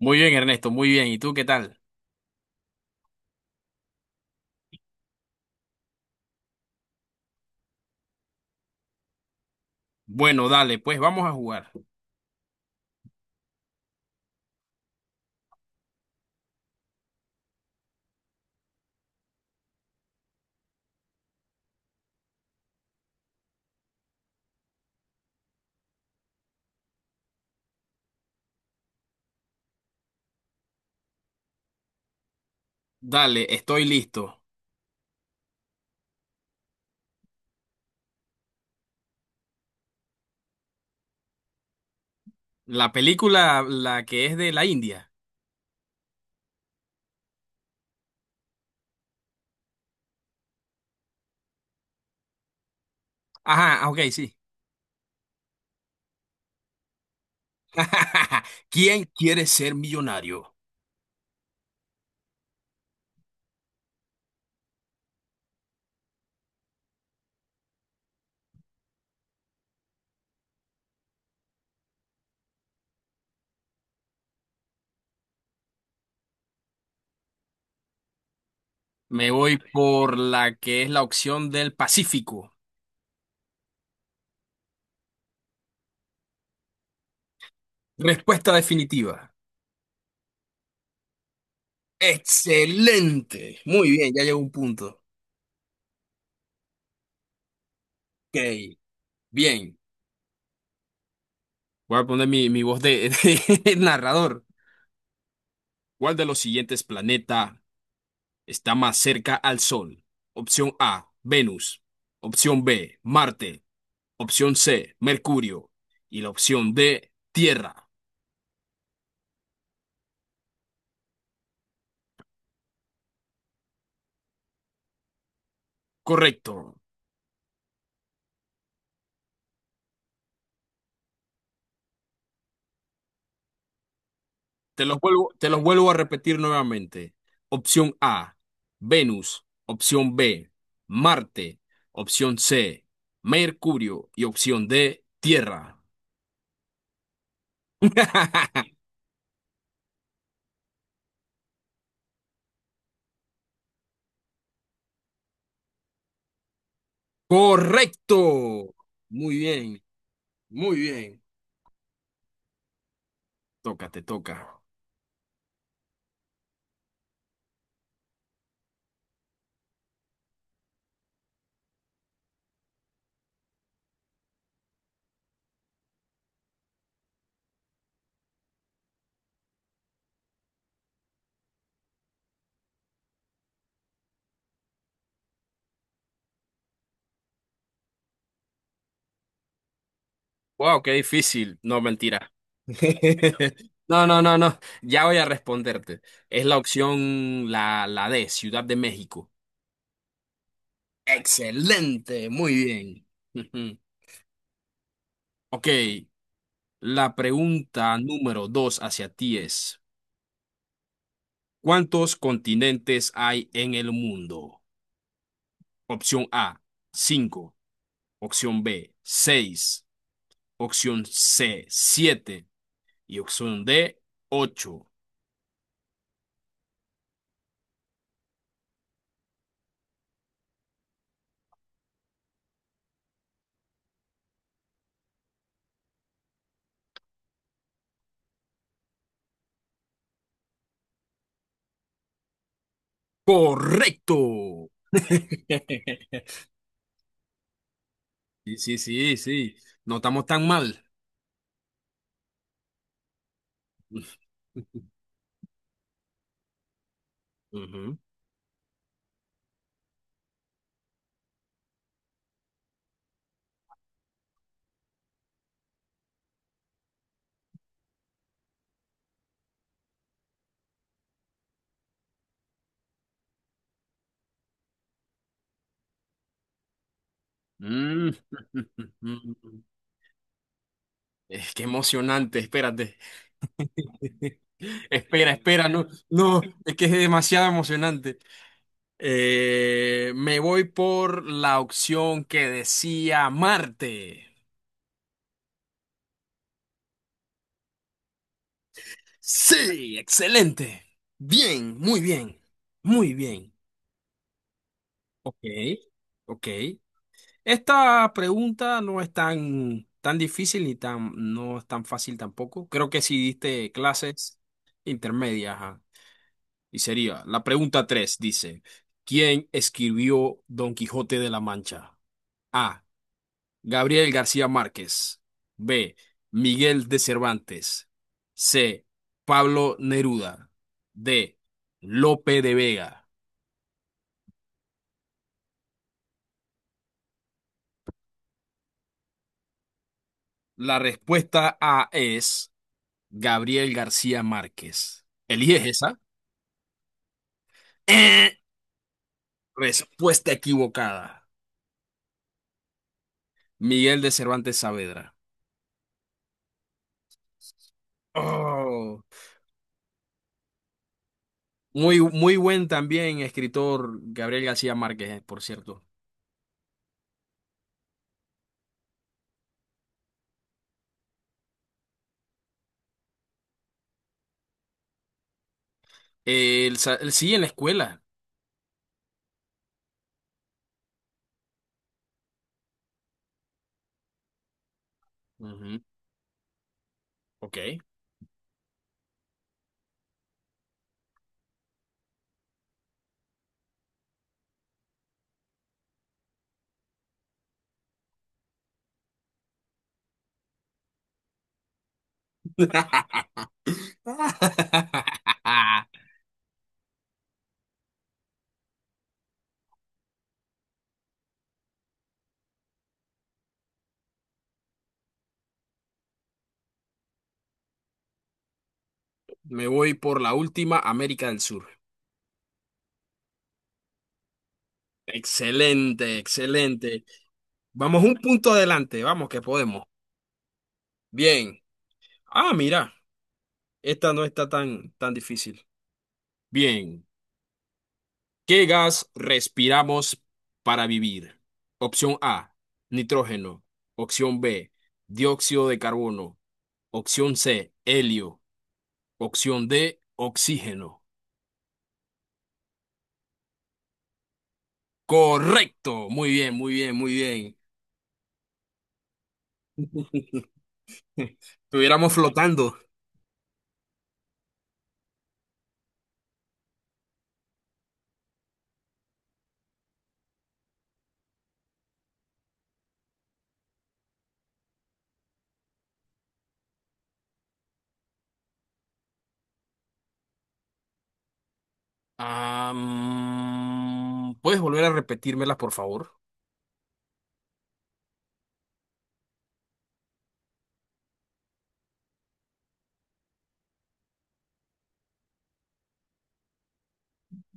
Muy bien, Ernesto, muy bien. ¿Y tú qué tal? Bueno, dale, pues vamos a jugar. Dale, estoy listo. La película, la que es de la India. Ajá, ah, ok, sí. ¿Quién quiere ser millonario? Me voy por la que es la opción del Pacífico. Respuesta definitiva. Excelente. Muy bien, ya llegó un punto. Ok, bien. Voy a poner mi voz de, de narrador. ¿Cuál de los siguientes planetas está más cerca al Sol? Opción A, Venus. Opción B, Marte. Opción C, Mercurio. Y la opción D, Tierra. Correcto. Te los vuelvo a repetir nuevamente. Opción A, Venus. Opción B, Marte. Opción C, Mercurio. Y opción D, Tierra. Correcto. Muy bien, muy bien. Toca, te toca. Wow, qué difícil. No, mentira. No, no, no, no. Ya voy a responderte. Es la opción, la D, Ciudad de México. Excelente, muy bien. Ujú. Ok, la pregunta número dos hacia ti es, ¿cuántos continentes hay en el mundo? Opción A, 5. Opción B, 6. Opción C, 7. Y opción D, ocho. Correcto. Sí, sí, sí, sí. No estamos tan mal. Ujú. Mm. Es que emocionante, espérate. Espera, espera, no, no, es que es demasiado emocionante. Me voy por la opción que decía Marte. Sí, excelente. Bien, muy bien, muy bien. Ok, ok. Esta pregunta no es tan, tan difícil ni tan, no es tan fácil tampoco. Creo que si diste clases intermedias, ajá. Y sería, la pregunta 3 dice, ¿quién escribió Don Quijote de la Mancha? A. Gabriel García Márquez. B. Miguel de Cervantes. C. Pablo Neruda. D. Lope de Vega. La respuesta A es Gabriel García Márquez. ¿Eliges esa? Eh, Respuesta equivocada. Miguel de Cervantes Saavedra. Oh, muy, muy buen también escritor Gabriel García Márquez, por cierto. El sí en la escuela. Ujú, Ok. Me voy por la última, América del Sur. Excelente, excelente. Vamos un punto adelante, vamos que podemos. Bien. Ah, mira, esta no está tan, tan difícil. Bien. ¿Qué gas respiramos para vivir? Opción A, nitrógeno. Opción B, dióxido de carbono. Opción C, helio. Opción D, oxígeno. Correcto. Muy bien, muy bien, muy bien. Estuviéramos flotando. Ah, mm, ¿puedes volver a repetírmela, por favor?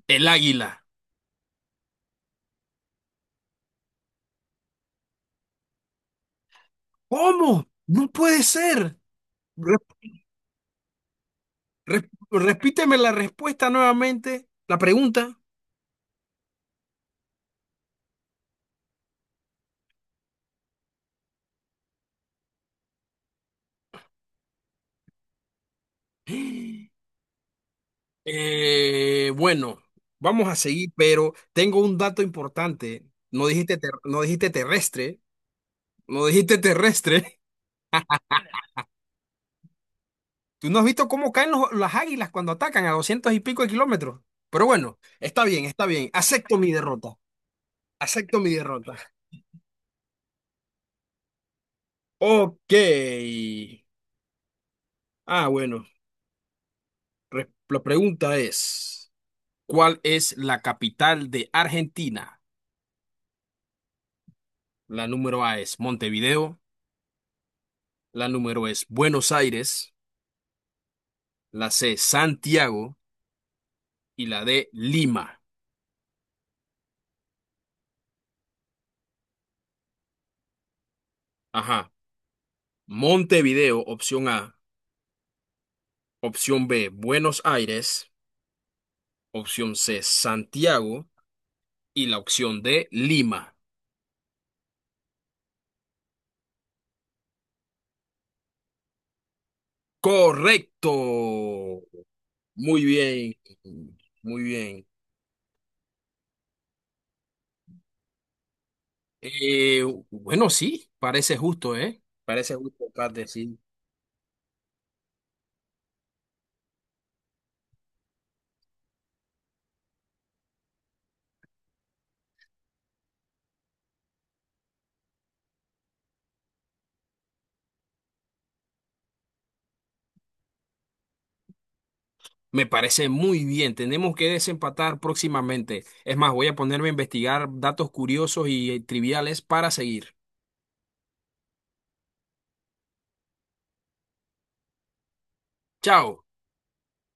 El águila. ¿Cómo? No puede ser. Re- Repíteme la respuesta nuevamente, la pregunta. Bueno, vamos a seguir, pero tengo un dato importante. No dijiste terrestre, no dijiste terrestre. ¿Tú no has visto cómo caen las águilas cuando atacan a 200 y pico de kilómetros? Pero bueno, está bien, está bien. Acepto mi derrota. Acepto mi derrota. Ok. Ah, bueno. La pregunta es, ¿cuál es la capital de Argentina? La número A es Montevideo, la número es Buenos Aires. La C, Santiago. Y la D, Lima. Ajá. Montevideo, opción A. Opción B, Buenos Aires. Opción C, Santiago. Y la opción D, Lima. Correcto. Muy bien. Muy bien. Eh, bueno, sí, parece justo, ¿eh? Parece justo, Kate, sí. Me parece muy bien. Tenemos que desempatar próximamente. Es más, voy a ponerme a investigar datos curiosos y triviales para seguir. Chao.